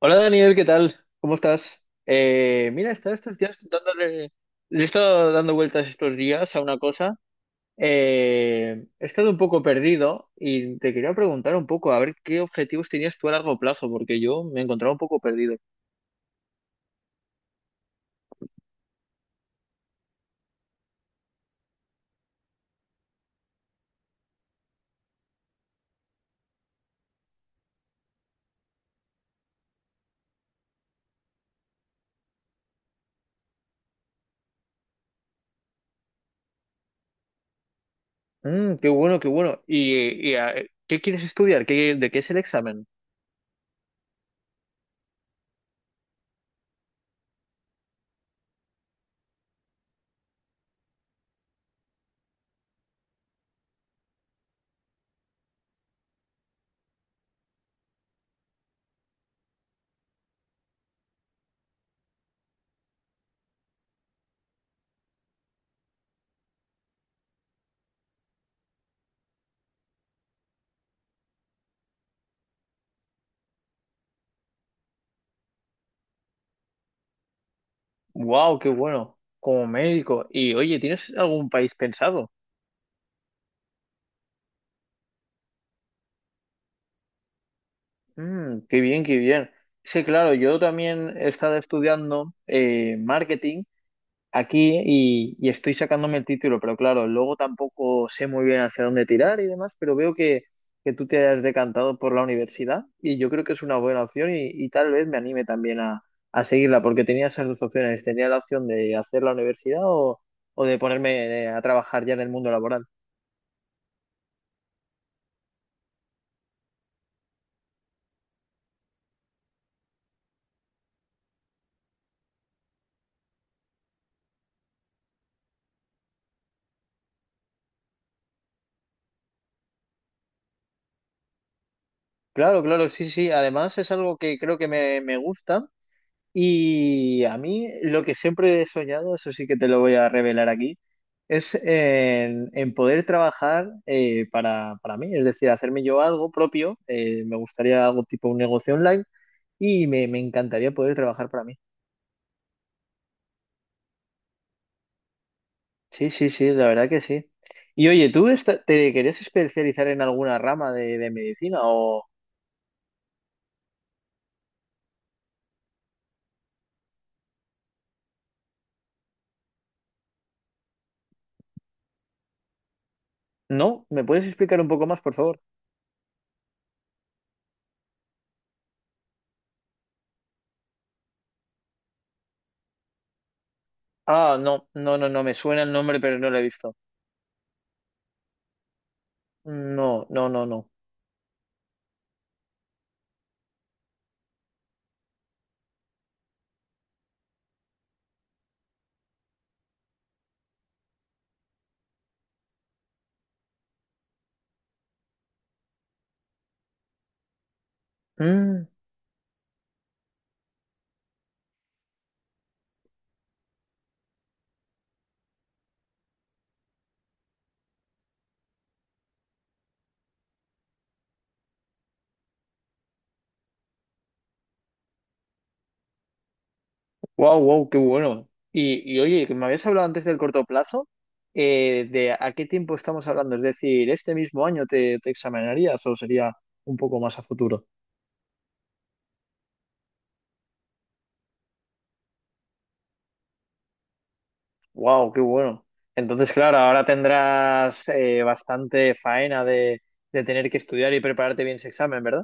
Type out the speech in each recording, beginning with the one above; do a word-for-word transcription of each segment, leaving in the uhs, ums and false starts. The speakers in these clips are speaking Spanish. Hola Daniel, ¿qué tal? ¿Cómo estás? Eh, mira, estaba estos días dándole, le he estado dando vueltas estos días a una cosa. Eh, he estado un poco perdido y te quería preguntar un poco a ver qué objetivos tenías tú a largo plazo, porque yo me encontraba un poco perdido. Mm, qué bueno, qué bueno. ¿Y, y, a- Qué quieres estudiar? ¿Qué, de qué es el examen? Wow, qué bueno. Como médico. Y oye, ¿tienes algún país pensado? Mm, qué bien, qué bien. Sí, claro, yo también he estado estudiando eh, marketing aquí y, y estoy sacándome el título, pero claro, luego tampoco sé muy bien hacia dónde tirar y demás, pero veo que, que tú te has decantado por la universidad y yo creo que es una buena opción y, y tal vez me anime también a, a seguirla, porque tenía esas dos opciones, tenía la opción de hacer la universidad o, o de ponerme eh, a trabajar ya en el mundo laboral. Claro, claro, sí, sí. Además es algo que creo que me, me gusta. Y a mí lo que siempre he soñado, eso sí que te lo voy a revelar aquí, es en, en poder trabajar eh, para, para mí, es decir, hacerme yo algo propio, eh, me gustaría algo tipo un negocio online y me, me encantaría poder trabajar para mí. Sí, sí, sí, la verdad que sí. Y oye, ¿tú esta- te querías especializar en alguna rama de, de medicina o no? ¿Me puedes explicar un poco más, por favor? Ah, no, no, no, no, me suena el nombre, pero no lo he visto. No, no, no, no. Mm. Wow, wow, qué bueno. Y, y oye, que me habías hablado antes del corto plazo, eh, de a qué tiempo estamos hablando, es decir, ¿este mismo año te, te examinarías o sería un poco más a futuro? Wow, qué bueno. Entonces, claro, ahora tendrás eh, bastante faena de, de tener que estudiar y prepararte bien ese examen, ¿verdad?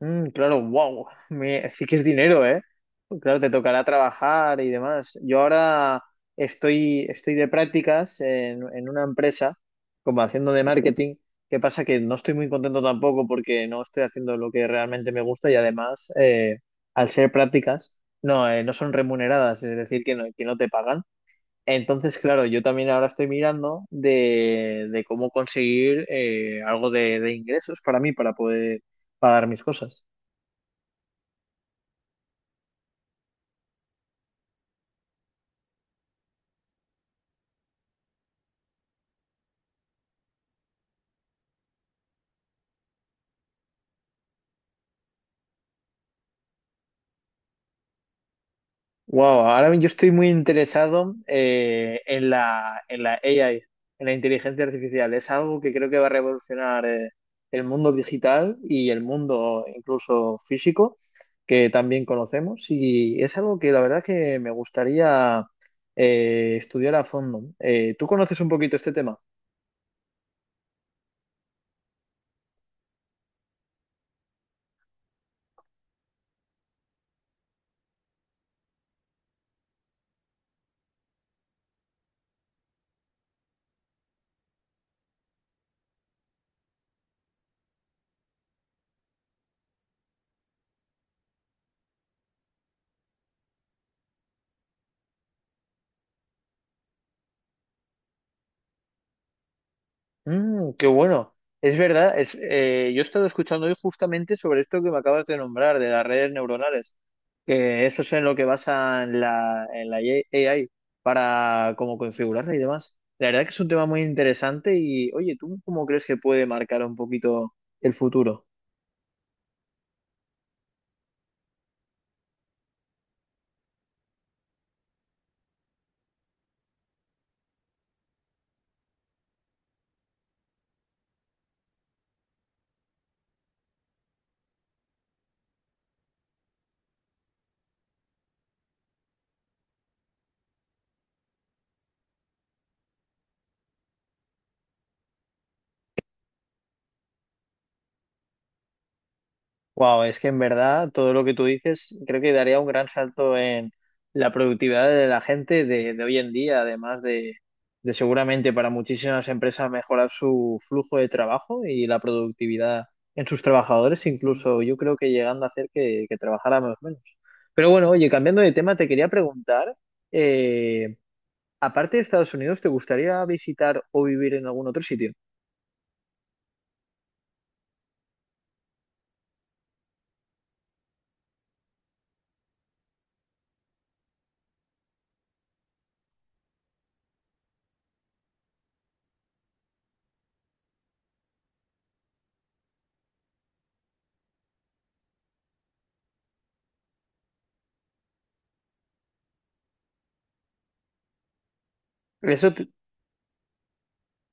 Mm, claro, wow, me, sí que es dinero, ¿eh? Pues claro, te tocará trabajar y demás. Yo ahora estoy, estoy de prácticas en, en una empresa, como haciendo de marketing. ¿Qué pasa? Que no estoy muy contento tampoco porque no estoy haciendo lo que realmente me gusta y además, eh, al ser prácticas, no, eh, no son remuneradas, es decir, que no, que no te pagan. Entonces, claro, yo también ahora estoy mirando de, de cómo conseguir eh, algo de, de ingresos para mí, para poder pagar mis cosas. Wow, ahora yo estoy muy interesado eh, en la, en la A I, en la inteligencia artificial. Es algo que creo que va a revolucionar eh, el mundo digital y el mundo incluso físico, que también conocemos. Y es algo que la verdad que me gustaría eh, estudiar a fondo. Eh, ¿tú conoces un poquito este tema? Mm, qué bueno. Es verdad, es, eh, yo he estado escuchando hoy justamente sobre esto que me acabas de nombrar, de las redes neuronales, que eso es en lo que basan la, en la A I para como configurarla y demás. La verdad que es un tema muy interesante y, oye, ¿tú cómo crees que puede marcar un poquito el futuro? Wow, es que en verdad todo lo que tú dices creo que daría un gran salto en la productividad de la gente de, de hoy en día, además de, de seguramente para muchísimas empresas mejorar su flujo de trabajo y la productividad en sus trabajadores, incluso yo creo que llegando a hacer que, que trabajáramos menos. Pero bueno, oye, cambiando de tema, te quería preguntar, eh, aparte de Estados Unidos, ¿te gustaría visitar o vivir en algún otro sitio? Eso.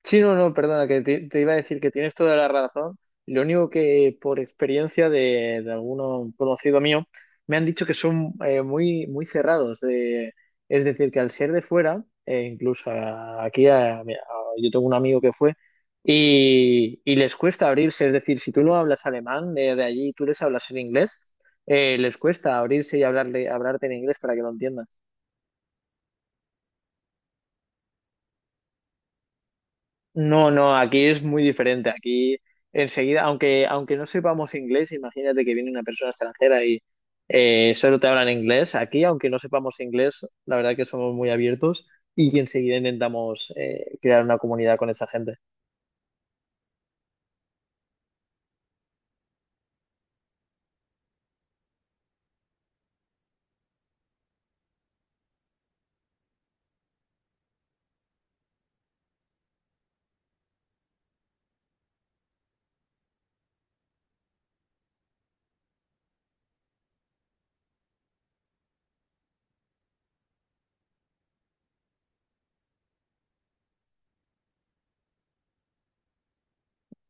Sí, no, no, perdona, que te, te iba a decir que tienes toda la razón. Lo único que por experiencia de, de alguno conocido mío, me han dicho que son eh, muy, muy cerrados. Eh, es decir, que al ser de fuera, eh, incluso a- aquí a- mira, a- yo tengo un amigo que fue, y, y les cuesta abrirse. Es decir, si tú no hablas alemán de, de allí y tú les hablas en inglés, eh, les cuesta abrirse y hablarle, hablarte en inglés para que lo entiendan. No, no, aquí es muy diferente. Aquí enseguida, aunque, aunque no sepamos inglés, imagínate que viene una persona extranjera y eh, solo te hablan inglés. Aquí, aunque no sepamos inglés, la verdad que somos muy abiertos y enseguida intentamos eh, crear una comunidad con esa gente.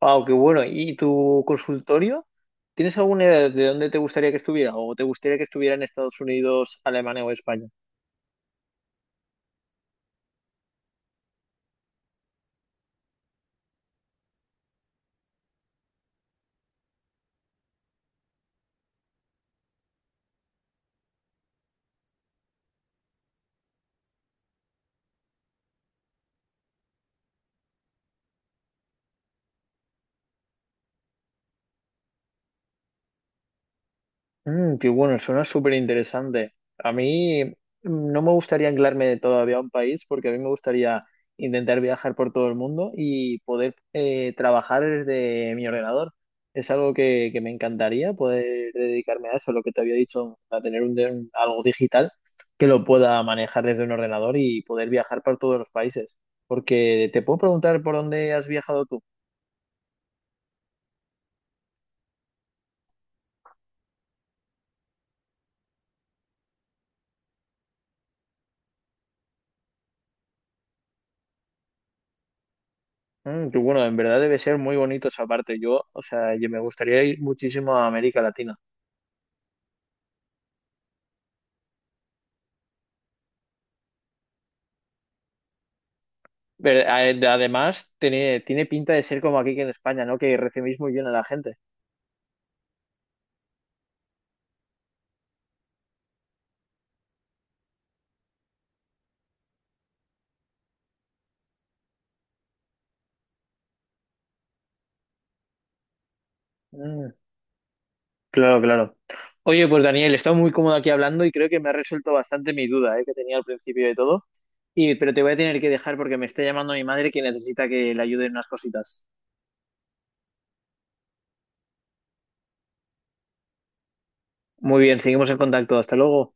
Wow, qué bueno. ¿Y tu consultorio? ¿Tienes alguna idea de dónde te gustaría que estuviera? ¿O te gustaría que estuviera en Estados Unidos, Alemania o España? Mm, qué bueno, suena súper interesante. A mí mm, no me gustaría anclarme todavía a un país porque a mí me gustaría intentar viajar por todo el mundo y poder eh, trabajar desde mi ordenador. Es algo que, que me encantaría poder dedicarme a eso, lo que te había dicho, a tener un, un- algo digital que lo pueda manejar desde un ordenador y poder viajar por todos los países. Porque te puedo preguntar por dónde has viajado tú. Mm, qué bueno, en verdad debe ser muy bonito esa parte. Yo, o sea, yo me gustaría ir muchísimo a América Latina. Pero a- además, tiene, tiene pinta de ser como aquí que en España, ¿no? Que recibís muy bien a la gente. Mm, claro, claro. Oye, pues Daniel, he estado muy cómodo aquí hablando y creo que me ha resuelto bastante mi duda, ¿eh? Que tenía al principio de todo. Y, pero te voy a tener que dejar porque me está llamando mi madre que necesita que le ayude en unas cositas. Muy bien, seguimos en contacto. Hasta luego.